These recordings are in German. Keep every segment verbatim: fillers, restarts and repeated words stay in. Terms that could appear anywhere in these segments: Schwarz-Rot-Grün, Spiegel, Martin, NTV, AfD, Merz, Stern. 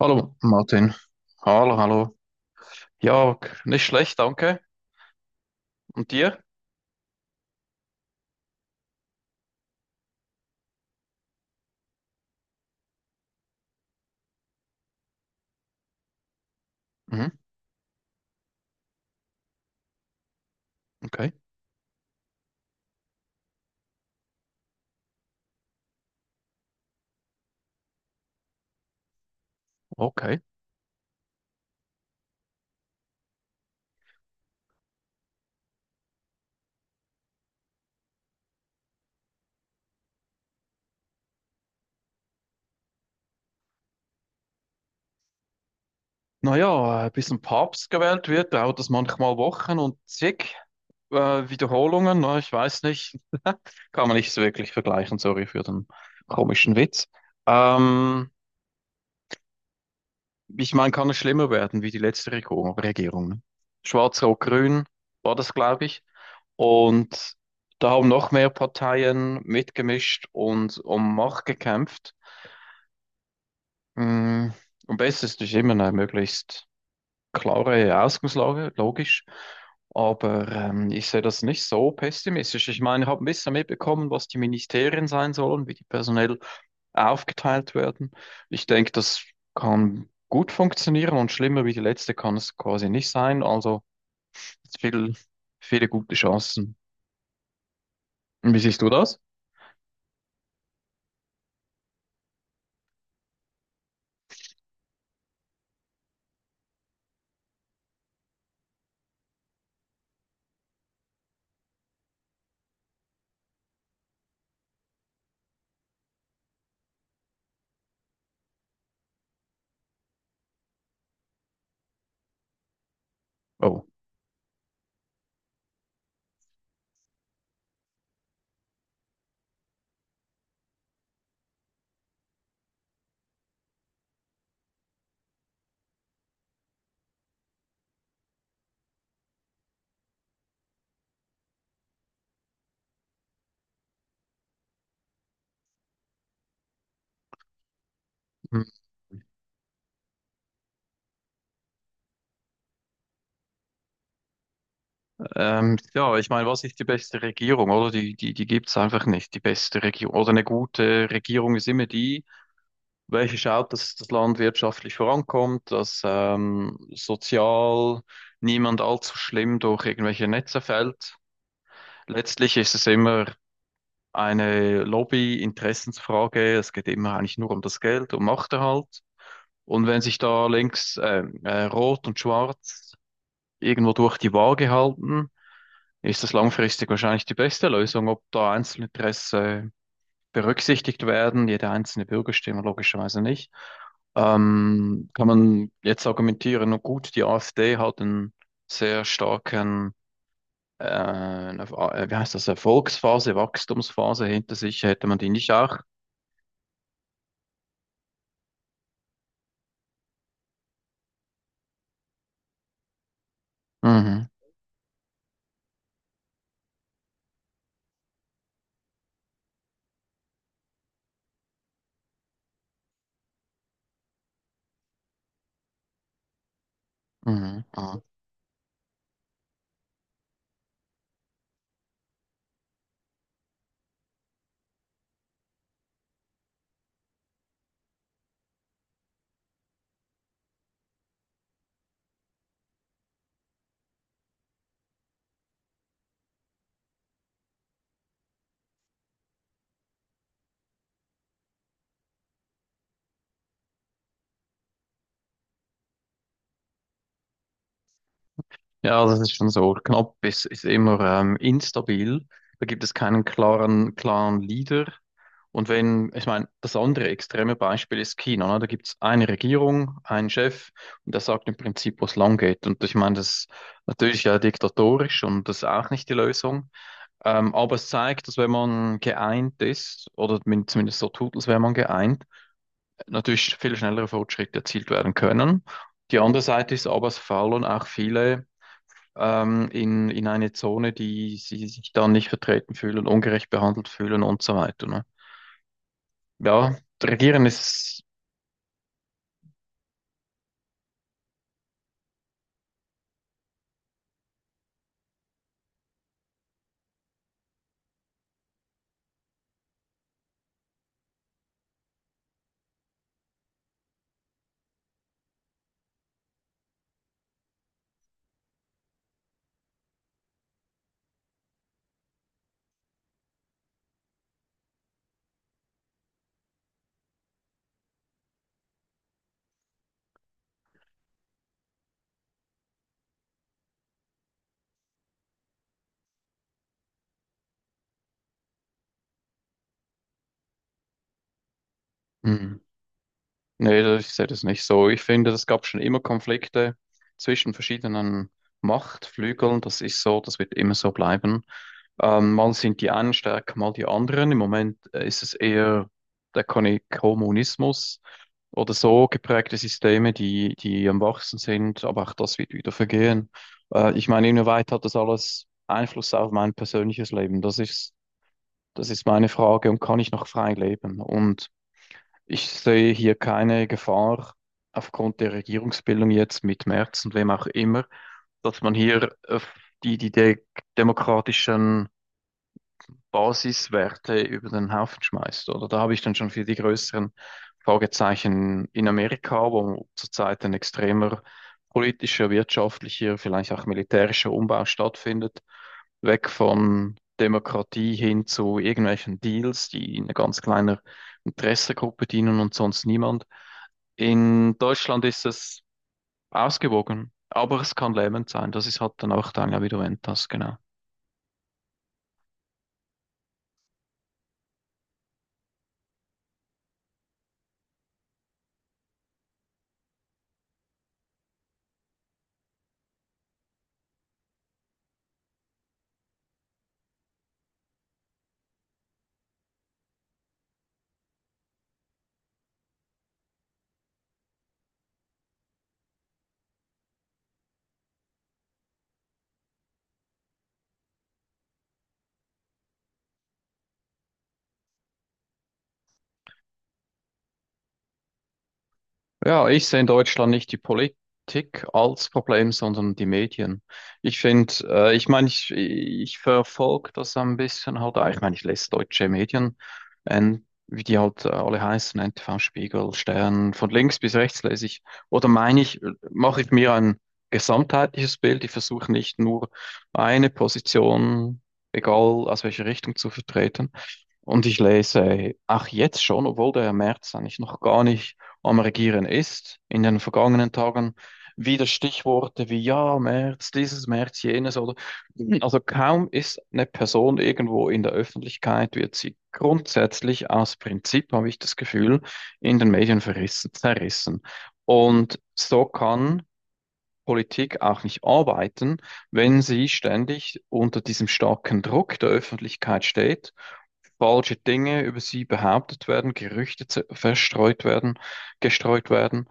Hallo Martin. Hallo, hallo. Ja, k- nicht schlecht, danke. Und dir? Mhm, okay, okay. Naja, äh, bis ein Papst gewählt wird, dauert es manchmal Wochen und zig äh, Wiederholungen. Na, ich weiß nicht, kann man nicht so wirklich vergleichen. Sorry für den komischen Witz. Ähm, Ich meine, kann es schlimmer werden wie die letzte Regierung. Regierung, ne? Schwarz-Rot-Grün war das, glaube ich. Und da haben noch mehr Parteien mitgemischt und um Macht gekämpft. Mm, am besten ist immer eine möglichst klare Ausgangslage, logisch. Aber ähm, ich sehe das nicht so pessimistisch. Ich meine, ich habe ein bisschen mitbekommen, was die Ministerien sein sollen, wie die personell aufgeteilt werden. Ich denke, das kann gut funktionieren und schlimmer wie die letzte kann es quasi nicht sein. Also viel, viele gute Chancen. Und wie siehst du das? Oh. Ähm, ja, ich meine, was ist die beste Regierung, oder? Die, die, die gibt's einfach nicht, die beste Regierung. Oder eine gute Regierung ist immer die, welche schaut, dass das Land wirtschaftlich vorankommt, dass ähm, sozial niemand allzu schlimm durch irgendwelche Netze fällt. Letztlich ist es immer eine Lobby-Interessensfrage. Es geht immer eigentlich nur um das Geld, um Machterhalt. Und wenn sich da links äh, äh, Rot und Schwarz irgendwo durch die Waage halten, ist das langfristig wahrscheinlich die beste Lösung. Ob da Einzelinteresse berücksichtigt werden, jede einzelne Bürgerstimme logischerweise nicht, ähm, kann man jetzt argumentieren, na gut, die AfD hat einen sehr starken, äh, wie heißt das, Erfolgsphase, Wachstumsphase hinter sich, hätte man die nicht auch? Mhm, mhm, mhm. Ja, das ist schon so. Knapp ist, ist immer ähm, instabil. Da gibt es keinen klaren, klaren Leader. Und wenn, ich meine, das andere extreme Beispiel ist China, ne? Da gibt es eine Regierung, einen Chef und der sagt im Prinzip, wo es lang geht. Und ich meine, das ist natürlich ja diktatorisch und das ist auch nicht die Lösung. Ähm, aber es zeigt, dass wenn man geeint ist, oder min- zumindest so tut, als wäre man geeint, natürlich viel schnellere Fortschritte erzielt werden können. Die andere Seite ist aber, es faulen auch viele ähm, in, in eine Zone, die sie sich dann nicht vertreten fühlen, ungerecht behandelt fühlen und so weiter. Ne? Ja, regieren ist. Hm. Nee, das- ich sehe das nicht so. Ich finde, es gab schon immer Konflikte zwischen verschiedenen Machtflügeln. Das ist so, das wird immer so bleiben. Ähm, mal sind die einen stärker, mal die anderen. Im Moment äh, ist es eher der Kon- Kommunismus oder so geprägte Systeme, die, die am wachsen sind, aber auch das wird wieder vergehen. Äh, ich meine, inwieweit hat das alles Einfluss auf mein persönliches Leben? Das ist, das ist meine Frage und kann ich noch frei leben? Und ich sehe hier keine Gefahr aufgrund der Regierungsbildung jetzt mit Merz und wem auch immer, dass man hier äh, die, die de demokratischen Basiswerte über den Haufen schmeißt. Oder da habe ich dann schon viel die größeren Fragezeichen in Amerika, wo zurzeit ein extremer politischer, wirtschaftlicher, vielleicht auch militärischer Umbau stattfindet, weg von Demokratie hin zu irgendwelchen Deals, die in einer ganz kleinen Interessengruppe dienen und sonst niemand. In Deutschland ist es ausgewogen, aber es kann lähmend sein. Das ist halt dann auch dann ja, wie du erwähnt hast, genau. Ja, ich sehe in Deutschland nicht die Politik als Problem, sondern die Medien. Ich finde, äh, ich meine, ich, ich verfolge das ein bisschen halt, auch. Ich meine, ich lese deutsche Medien, ähm, wie die halt äh, alle heißen, N T V, Spiegel, Stern, von links bis rechts lese ich. Oder meine ich, äh, mache ich mir ein gesamtheitliches Bild, ich versuche nicht nur eine Position, egal aus welcher Richtung zu vertreten. Und ich lese auch jetzt schon, obwohl der März eigentlich noch gar nicht am Regieren ist in den vergangenen Tagen. Wieder Stichworte wie ja, März, dieses, März, jenes oder also kaum ist eine Person irgendwo in der Öffentlichkeit, wird sie grundsätzlich aus Prinzip, habe ich das Gefühl, in den Medien verrissen, zerrissen. Und so kann Politik auch nicht arbeiten, wenn sie ständig unter diesem starken Druck der Öffentlichkeit steht, falsche Dinge über sie behauptet werden, Gerüchte zu- verstreut werden, gestreut werden.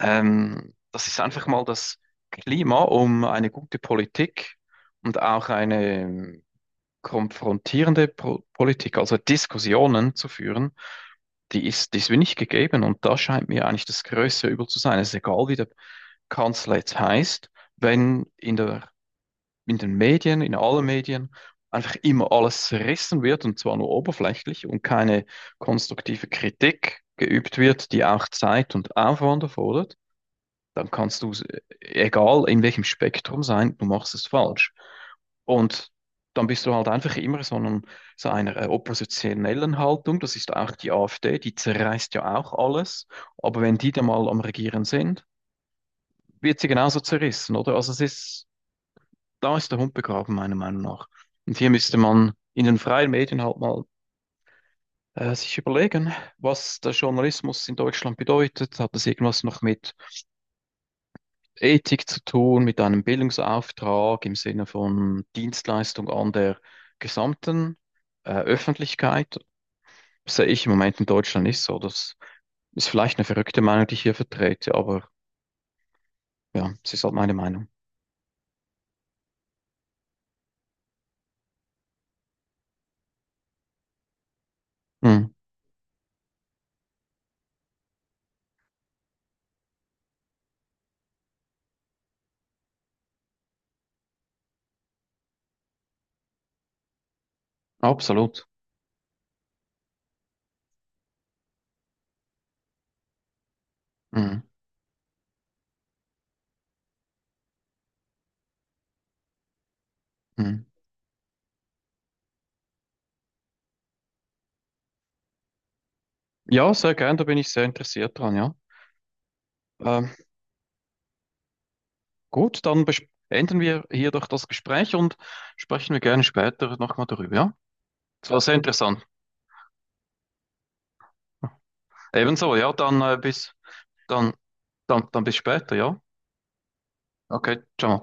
Ähm, das ist einfach mal das Klima, um eine gute Politik und auch eine konfrontierende Pro Politik, also Diskussionen zu führen, die ist, die ist mir nicht gegeben. Und da scheint mir eigentlich das größte Übel zu sein. Es ist egal, wie der Kanzler jetzt heißt, wenn in der in den Medien, in allen Medien, einfach immer alles zerrissen wird und zwar nur oberflächlich und keine konstruktive Kritik geübt wird, die auch Zeit und Aufwand erfordert, dann kannst du, egal in welchem Spektrum sein, du machst es falsch. Und dann bist du halt einfach immer so, einem, so einer äh, oppositionellen Haltung. Das ist auch die AfD, die zerreißt ja auch alles. Aber wenn die dann mal am Regieren sind, wird sie genauso zerrissen, oder? Also es ist, da ist der Hund begraben, meiner Meinung nach. Und hier müsste man in den freien Medien halt mal äh, sich überlegen, was der Journalismus in Deutschland bedeutet. Hat das irgendwas noch mit Ethik zu tun, mit einem Bildungsauftrag im Sinne von Dienstleistung an der gesamten äh, Öffentlichkeit? Das sehe ich im Moment in Deutschland nicht so. Das ist vielleicht eine verrückte Meinung, die ich hier vertrete, aber ja, es ist halt meine Meinung. Mhm. Absolut. Mhm. Mhm. Ja, sehr gern, da bin ich sehr interessiert dran, ja. Ähm, Gut, dann bes- beenden wir hier doch das Gespräch und sprechen wir gerne später nochmal darüber, ja? Das war sehr interessant. Ebenso, ja, dann äh, bis dann, dann, dann bis später, ja? Okay, ciao.